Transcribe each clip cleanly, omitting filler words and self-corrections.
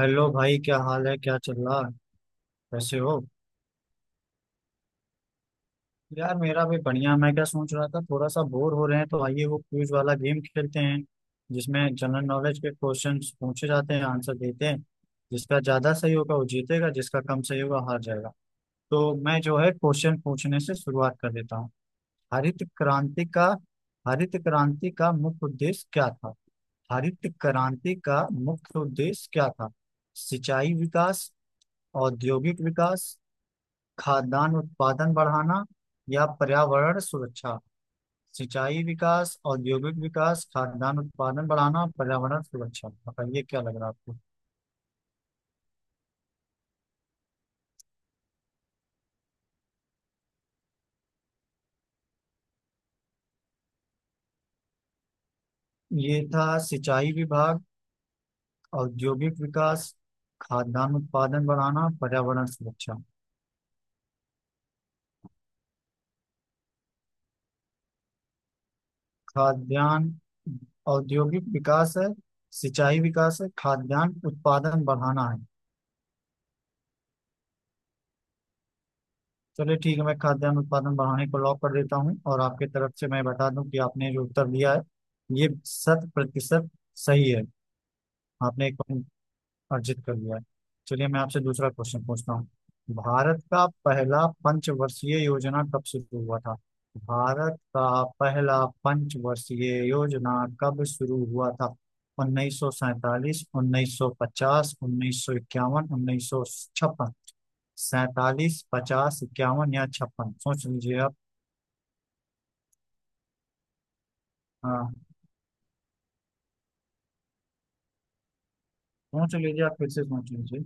Hello भाई, क्या हाल है? क्या चल रहा है? कैसे हो? यार मेरा भी बढ़िया। मैं क्या सोच रहा था, थोड़ा सा बोर हो रहे हैं तो आइए वो क्विज वाला गेम खेलते हैं, जिसमें जनरल नॉलेज के क्वेश्चंस पूछे जाते हैं, आंसर देते हैं। जिसका ज्यादा सही होगा वो जीतेगा, जिसका कम सही होगा हार जाएगा। तो मैं जो है क्वेश्चन पूछने से शुरुआत कर देता हूँ। हरित क्रांति का, हरित क्रांति का मुख्य उद्देश्य क्या था? हरित क्रांति का मुख्य उद्देश्य क्या था? सिंचाई विकास, औद्योगिक विकास, खाद्यान्न उत्पादन बढ़ाना, या पर्यावरण सुरक्षा। सिंचाई विकास, औद्योगिक विकास, खाद्यान्न उत्पादन बढ़ाना, पर्यावरण सुरक्षा, बताइए क्या लग रहा है आपको। ये था सिंचाई विभाग, औद्योगिक विकास, खाद्यान्न उत्पादन बढ़ाना, पर्यावरण सुरक्षा। खाद्यान्न, औद्योगिक विकास है, सिंचाई विकास है, खाद्यान्न उत्पादन बढ़ाना है। चलिए ठीक है, मैं खाद्यान्न उत्पादन बढ़ाने को लॉक कर देता हूँ और आपके तरफ से मैं बता दूं कि आपने जो उत्तर दिया है, ये शत प्रतिशत सही है। आपने एक पॉइंट अर्जित कर लिया है। चलिए मैं आपसे दूसरा क्वेश्चन पूछता हूँ। भारत का पहला पंचवर्षीय योजना कब शुरू हुआ था? भारत का पहला पंचवर्षीय योजना कब शुरू हुआ था? 1947, 1950, 1951, 1956। 47, 50, 51 या 56, सोच लीजिए आप। हाँ, सोच लीजिए आप, फिर से सोच लीजिए।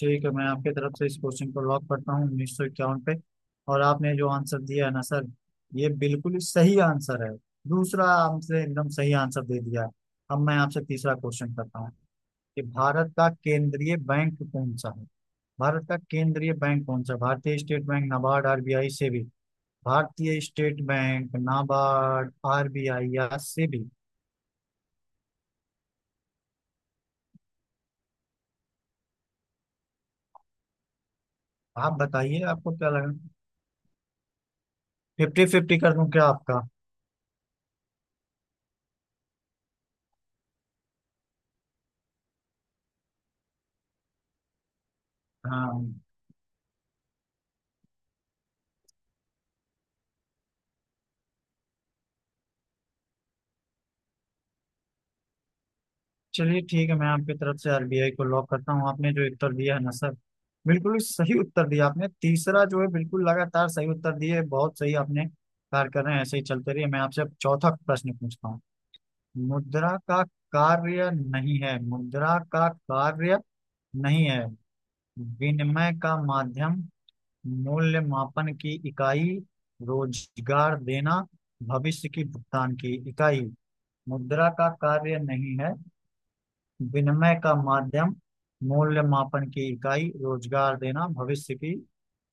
ठीक है, मैं आपके तरफ से इस क्वेश्चन को लॉक करता हूँ 1951 पे। और आपने जो आंसर दिया है ना सर, ये बिल्कुल ही सही आंसर है। दूसरा आपसे एकदम सही आंसर दे दिया है। अब मैं आपसे तीसरा क्वेश्चन करता हूँ कि भारत का केंद्रीय बैंक कौन सा है? भारत का केंद्रीय बैंक कौन सा है? भारतीय state bank, NABARD, RBI, SEBI. भारतीय स्टेट बैंक, नाबार्ड, आरबीआई या सेबी? आप बताइए आपको क्या लगा। फिफ्टी फिफ्टी कर दूं क्या आपका? हाँ। चलिए ठीक है, मैं आपकी तरफ से आरबीआई को लॉक करता हूँ। आपने जो उत्तर दिया है ना सर, बिल्कुल ही सही उत्तर दिया। आपने तीसरा जो है बिल्कुल लगातार सही उत्तर दिए, बहुत सही आपने कार्य कर रहे हैं। ऐसे ही चलते रहिए, मैं आपसे अब चौथा प्रश्न पूछता हूँ। मुद्रा का कार्य नहीं है, मुद्रा का कार्य नहीं है: विनिमय का माध्यम, मूल्य मापन की इकाई, रोजगार देना, भविष्य की भुगतान की इकाई। मुद्रा का कार्य नहीं है: विनिमय का माध्यम, मूल्य मापन की इकाई, रोजगार देना, भविष्य की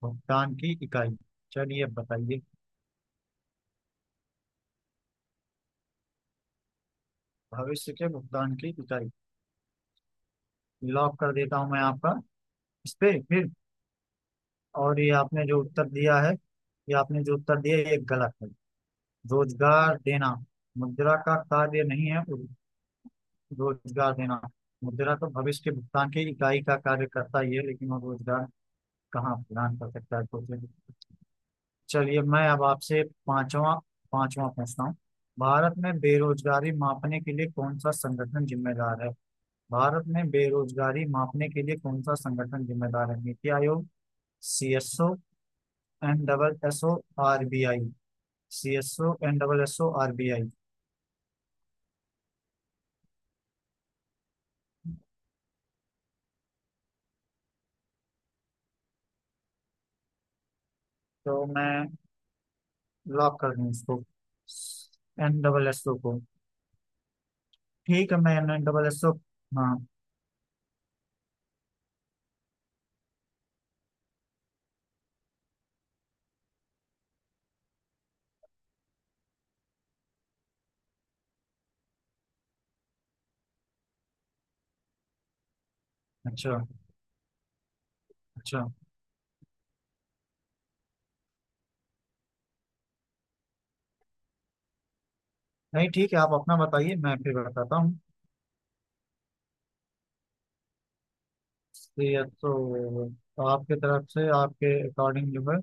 भुगतान की इकाई। चलिए बताइए। भविष्य के भुगतान की इकाई लॉक कर देता हूं मैं आपका, इस पे फिर। और ये आपने जो उत्तर दिया है, ये आपने जो उत्तर दिया है, ये गलत है। रोजगार देना मुद्रा का कार्य नहीं है। रोजगार देना, मुद्रा तो भविष्य के भुगतान की इकाई का कार्य करता ही है, लेकिन वो रोजगार कहाँ प्रदान कर सकता है, सोचें। चलिए मैं अब आपसे पांचवा, पांचवा पूछता हूँ। भारत में बेरोजगारी मापने के लिए कौन सा संगठन जिम्मेदार है? भारत में बेरोजगारी मापने के लिए कौन सा संगठन जिम्मेदार है? NITI Aayog, C S O, N double S O, R B I. C S O, N double S O, R B I. तो मैं लॉक कर दूं इसको, एन डबल एस ओ को? ठीक है, मैं M nine double S O, हाँ। अच्छा, अच्छा। नहीं ठीक है, आप अपना बताइए मैं फिर बताता हूँ। सी एस ओ? आपके तरफ से, आपके अकॉर्डिंग जो है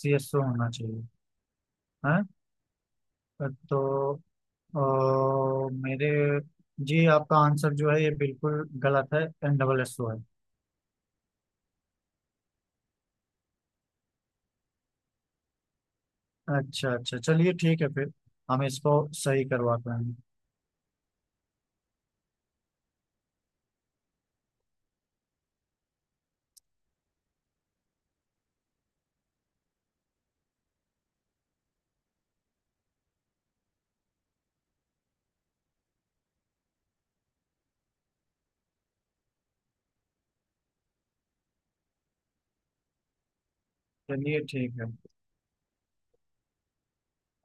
सी एस ओ होना चाहिए है? तो अ, मेरे जी, आपका आंसर जो है, ये बिल्कुल गलत है। एन डबल एस ओ है। अच्छा अच्छा, चलिए ठीक है, फिर हम इसको सही करवाते हैं। चलिए ठीक है,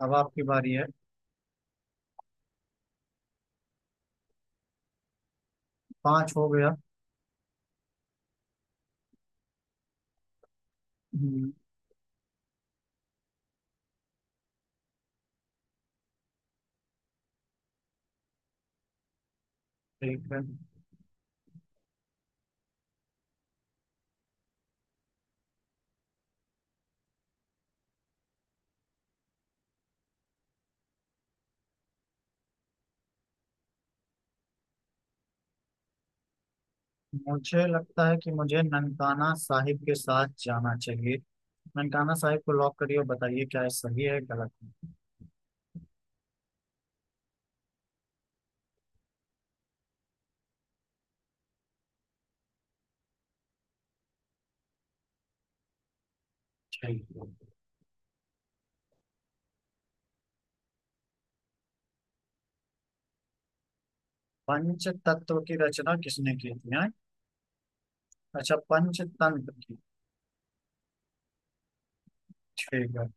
अब आपकी बारी है। पाँच हो गया। हम्म, ठीक है। मुझे लगता है कि मुझे ननकाना साहिब के साथ जाना चाहिए। ननकाना साहिब को लॉक करिए और बताइए क्या ये सही है, गलत है। ठीक है। पंच तत्व की रचना किसने की थी हैं? अच्छा, पंचतंत्र की? ठीक है,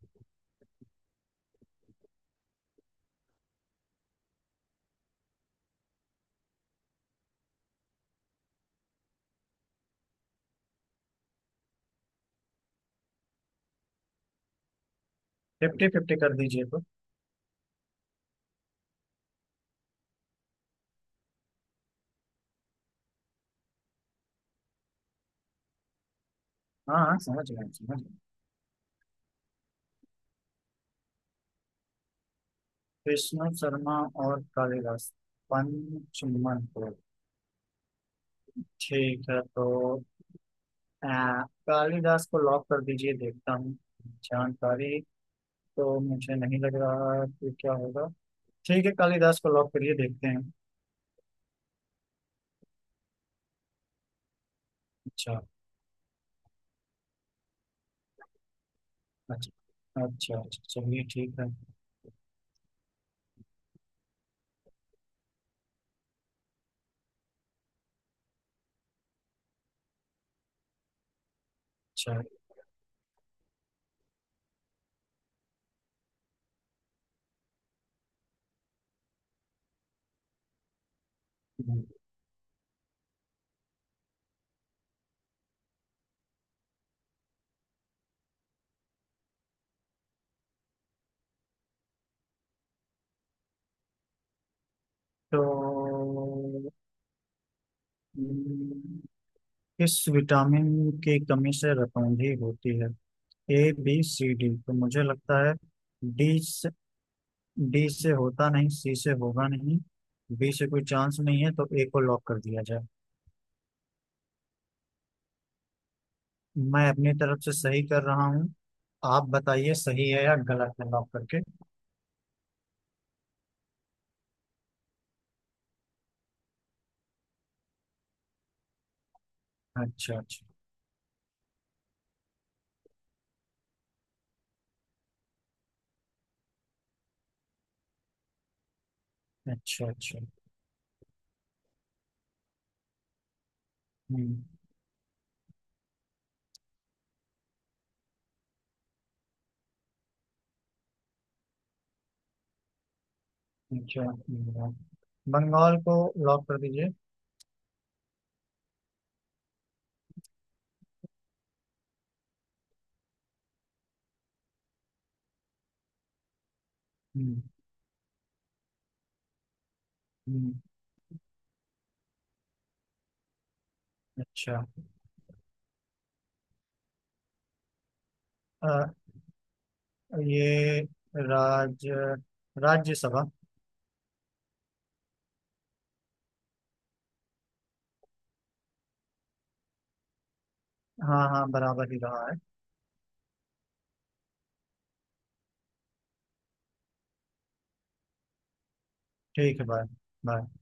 फिफ्टी फिफ्टी कर दीजिए तो। हाँ हाँ, समझ गए समझ गए। विष्णु शर्मा और कालिदास, पंचमन को, ठीक है, तो आ, कालिदास को लॉक कर दीजिए, देखता हूँ जानकारी। तो मुझे नहीं लग रहा है कि क्या होगा। ठीक है, कालिदास को लॉक करिए, देखते हैं। अच्छा अच्छा अच्छा, अच्छा, चलिए ठीक है। अच्छा। हम्म, तो हम्म, किस विटामिन की कमी से रतौंधी होती है? ए बी सी डी, तो मुझे लगता है डी से, डी से होता नहीं, सी से होगा नहीं, बी से कोई चांस नहीं है, तो ए को लॉक कर दिया जाए। मैं अपनी तरफ से सही कर रहा हूँ, आप बताइए सही है या गलत है, लॉक करके। अच्छा अच्छा अच्छा अच्छा। हम्म, अच्छा। बंगाल को लॉक कर दीजिए। हम्म, हम्म, अच्छा। अ, ये राज्य, राज्यसभा। हाँ हाँ, बराबर ही रहा है। ठीक है, बाय। बाय।